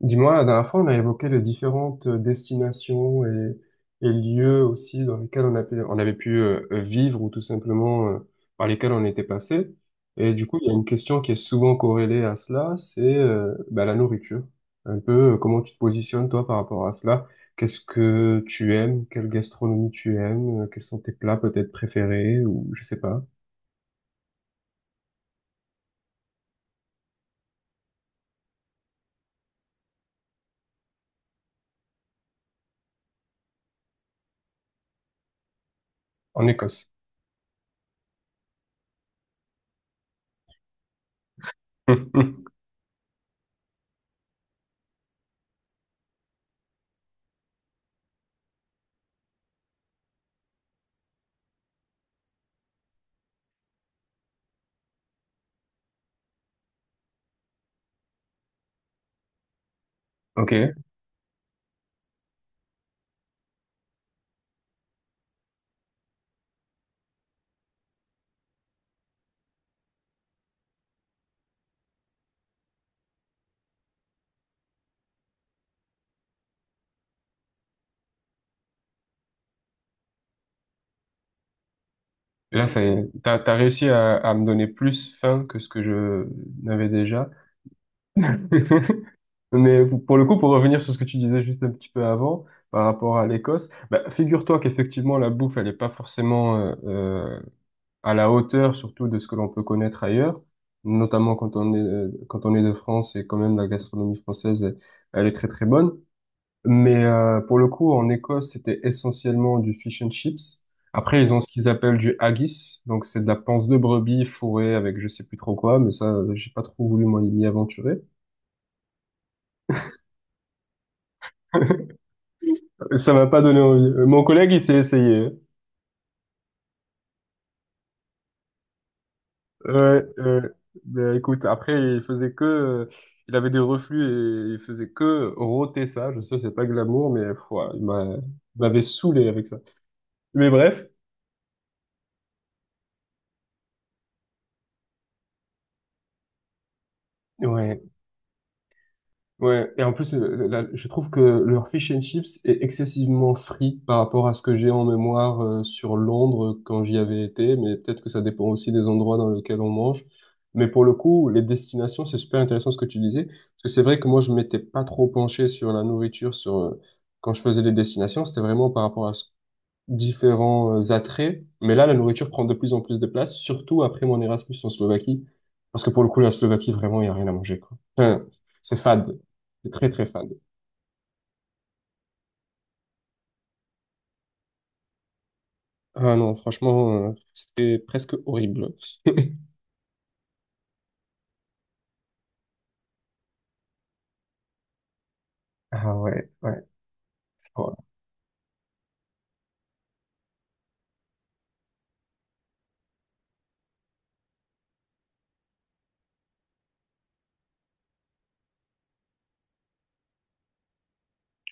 Dis-moi, la dernière fois, on a évoqué les différentes destinations et lieux aussi dans lesquels on avait pu vivre ou tout simplement par lesquels on était passé. Et du coup, il y a une question qui est souvent corrélée à cela, c'est la nourriture. Un peu, comment tu te positionnes toi par rapport à cela? Qu'est-ce que tu aimes? Quelle gastronomie tu aimes? Quels sont tes plats peut-être préférés ou je sais pas, en Écosse. Ok. Et là, ça y est, t'as réussi à me donner plus faim que ce que je n'avais déjà. Mais pour le coup, pour revenir sur ce que tu disais juste un petit peu avant, par rapport à l'Écosse, bah, figure-toi qu'effectivement, la bouffe, elle n'est pas forcément à la hauteur, surtout de ce que l'on peut connaître ailleurs, notamment quand on est de France, et quand même la gastronomie française, elle est très très bonne. Mais pour le coup, en Écosse, c'était essentiellement du fish and chips. Après, ils ont ce qu'ils appellent du haggis, donc c'est de la panse de brebis fourrée avec je sais plus trop quoi, mais ça, j'ai pas trop voulu m'y aventurer. Ça m'a pas donné envie. Mon collègue, il s'est essayé. Ouais, bah, écoute, après, il faisait que, il avait des reflux et il faisait que rôter ça. Je sais, c'est pas glamour, mais pff, ouais, il m'avait saoulé avec ça. Mais bref, ouais. Ouais, et en plus, je trouve que leur fish and chips est excessivement free par rapport à ce que j'ai en mémoire sur Londres quand j'y avais été, mais peut-être que ça dépend aussi des endroits dans lesquels on mange. Mais pour le coup, les destinations, c'est super intéressant ce que tu disais, parce que c'est vrai que moi, je m'étais pas trop penché sur la nourriture, sur quand je faisais des destinations, c'était vraiment par rapport à ce différents attraits. Mais là, la nourriture prend de plus en plus de place, surtout après mon Erasmus en Slovaquie. Parce que pour le coup, la Slovaquie, vraiment, il n'y a rien à manger, quoi. Enfin, c'est fade. C'est très, très fade. Ah non, franchement, c'était presque horrible. Ah ouais, ouais. Oh,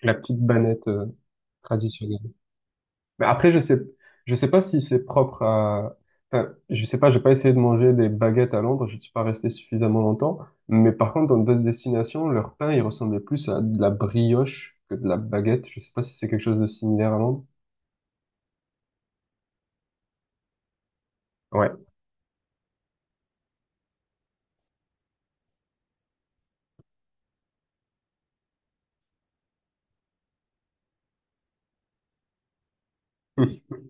la petite banette, traditionnelle. Mais après, je sais pas si c'est propre à. Enfin, je sais pas, j'ai pas essayé de manger des baguettes à Londres, je suis pas resté suffisamment longtemps. Mais par contre, dans d'autres destinations, leur pain, il ressemblait plus à de la brioche que de la baguette. Je sais pas si c'est quelque chose de similaire à Londres. Ouais,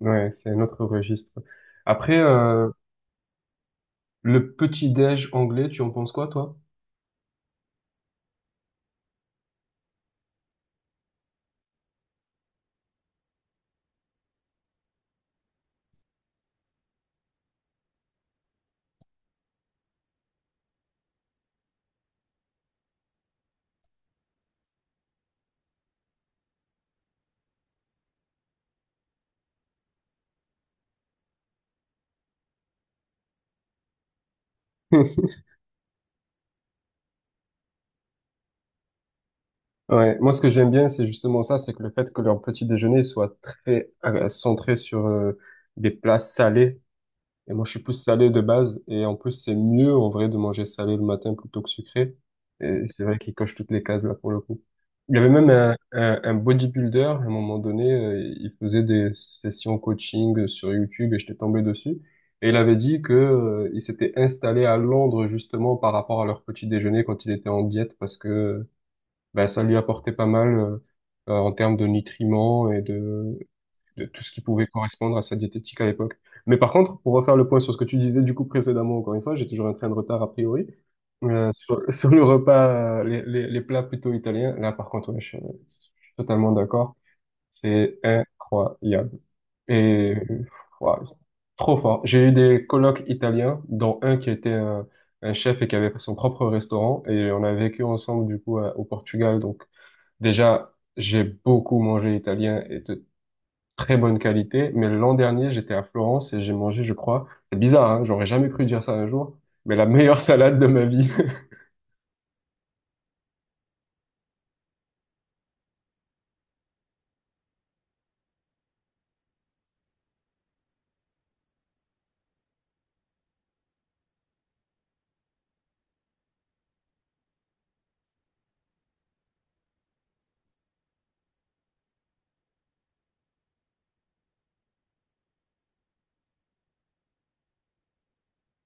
ouais, c'est un autre registre. Après, le petit-déj anglais, tu en penses quoi, toi? Ouais, moi ce que j'aime bien, c'est justement ça, c'est que le fait que leur petit déjeuner soit très centré sur des plats salés. Et moi je suis plus salé de base, et en plus c'est mieux en vrai de manger salé le matin plutôt que sucré. Et c'est vrai qu'ils cochent toutes les cases là pour le coup. Il y avait même un bodybuilder, à un moment donné, il faisait des sessions coaching sur YouTube et j'étais tombé dessus. Et il avait dit que, il s'était installé à Londres justement par rapport à leur petit déjeuner quand il était en diète parce que ben, ça lui apportait pas mal en termes de nutriments de tout ce qui pouvait correspondre à sa diététique à l'époque. Mais par contre, pour refaire le point sur ce que tu disais du coup précédemment, encore une fois, j'ai toujours un train de retard a priori. Sur, sur le repas, les plats plutôt italiens, là par contre, ouais, je suis totalement d'accord. C'est incroyable. Et ouais, c'est trop fort. J'ai eu des colocs italiens, dont un qui était un chef et qui avait son propre restaurant. Et on a vécu ensemble du coup au Portugal. Donc déjà, j'ai beaucoup mangé italien et de très bonne qualité, mais l'an dernier, j'étais à Florence et j'ai mangé, je crois, c'est bizarre, hein, j'aurais jamais cru dire ça un jour, mais la meilleure salade de ma vie.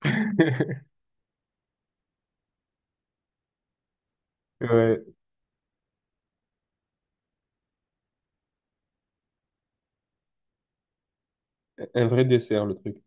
Ouais, un vrai dessert, le truc.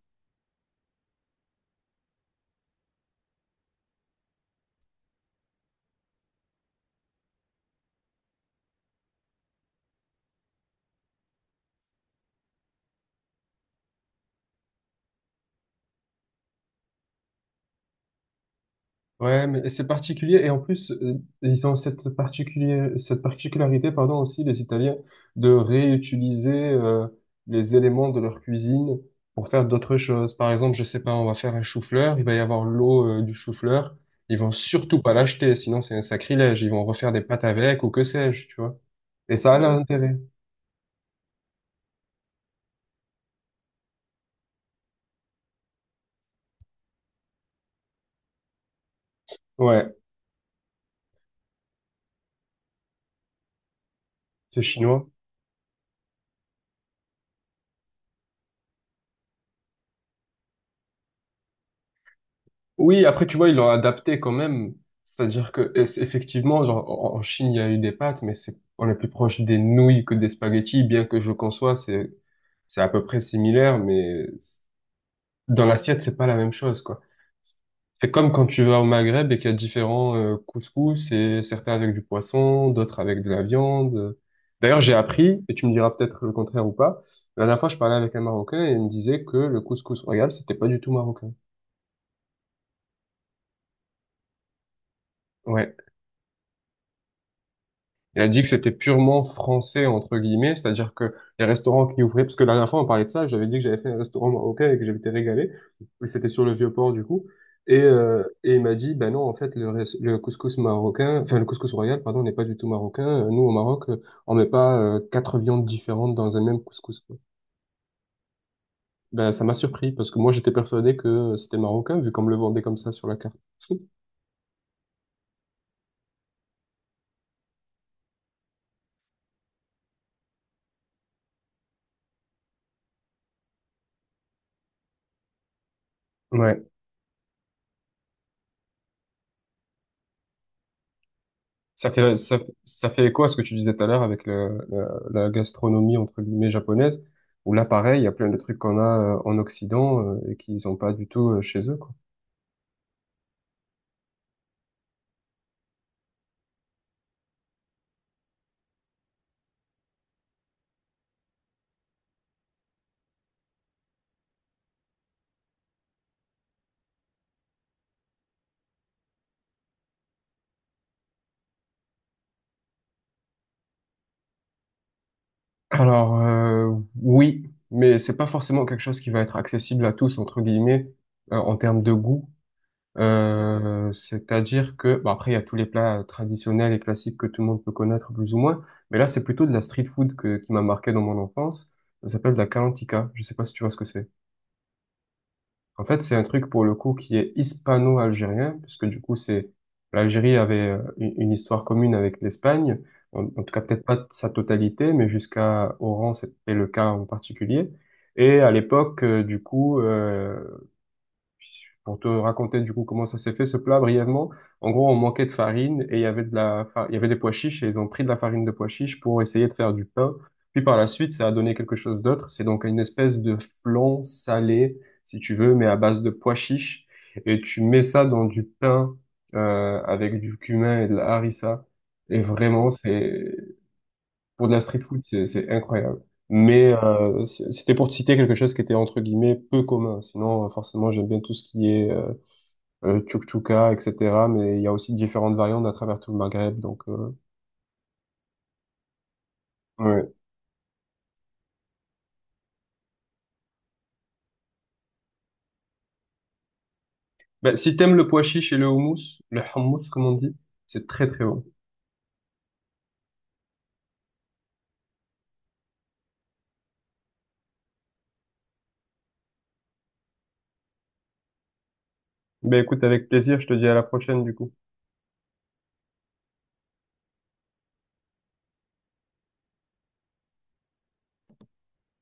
Ouais, mais c'est particulier et en plus ils ont cette particulier cette particularité pardon aussi les Italiens de réutiliser les éléments de leur cuisine pour faire d'autres choses. Par exemple, je sais pas, on va faire un chou-fleur, il va y avoir l'eau du chou-fleur, ils vont surtout pas l'acheter sinon c'est un sacrilège, ils vont refaire des pâtes avec ou que sais-je, tu vois. Et ça a l'intérêt. Ouais, c'est chinois. Oui, après, tu vois, ils l'ont adapté quand même. C'est-à-dire que, effectivement, genre, en Chine, il y a eu des pâtes, mais c'est, on est plus proche des nouilles que des spaghettis, bien que je conçois, c'est à peu près similaire, mais dans l'assiette, c'est pas la même chose, quoi. C'est comme quand tu vas au Maghreb et qu'il y a différents couscous, et certains avec du poisson, d'autres avec de la viande. D'ailleurs, j'ai appris, et tu me diras peut-être le contraire ou pas, la dernière fois, je parlais avec un Marocain et il me disait que le couscous royal, c'était pas du tout marocain. Ouais. Il a dit que c'était purement français, entre guillemets, c'est-à-dire que les restaurants qui ouvraient, parce que la dernière fois on parlait de ça, j'avais dit que j'avais fait un restaurant marocain et que j'avais été régalé, et c'était sur le Vieux-Port du coup, et il m'a dit, ben non, en fait, le couscous marocain, enfin le couscous royal, pardon, n'est pas du tout marocain, nous au Maroc, on met pas quatre viandes différentes dans un même couscous, quoi. Ben ça m'a surpris, parce que moi j'étais persuadé que c'était marocain, vu qu'on me le vendait comme ça sur la carte. Ouais. Ça fait, ça, ça fait écho à ce que tu disais tout à l'heure avec la gastronomie, entre guillemets, japonaise, où là, pareil, il y a plein de trucs qu'on a en Occident et qu'ils n'ont pas du tout chez eux, quoi. Alors, oui, mais c'est pas forcément quelque chose qui va être accessible à tous, entre guillemets, en termes de goût. C'est-à-dire que, bah, après, il y a tous les plats traditionnels et classiques que tout le monde peut connaître plus ou moins, mais là, c'est plutôt de la street food que, qui m'a marqué dans mon enfance. Ça s'appelle de la kalantika. Je sais pas si tu vois ce que c'est. En fait, c'est un truc pour le coup qui est hispano-algérien, puisque du coup, c'est l'Algérie avait une histoire commune avec l'Espagne, en tout cas peut-être pas sa totalité, mais jusqu'à Oran, c'était le cas en particulier. Et à l'époque, pour te raconter du coup comment ça s'est fait ce plat brièvement, en gros on manquait de farine et il y avait il y avait des pois chiches et ils ont pris de la farine de pois chiches pour essayer de faire du pain. Puis par la suite ça a donné quelque chose d'autre. C'est donc une espèce de flan salé si tu veux, mais à base de pois chiches et tu mets ça dans du pain avec du cumin et de la harissa. Et vraiment c'est pour de la street food c'est incroyable. Mais c'était pour te citer quelque chose qui était entre guillemets peu commun. Sinon, forcément, j'aime bien tout ce qui est tchouk-tchouka, etc. Mais il y a aussi différentes variantes à travers tout le Maghreb. Donc, ouais. Bah, si t'aimes le pois chiche et le houmous, le hummus, comme on dit, c'est très très bon. Ben écoute, avec plaisir, je te dis à la prochaine du coup.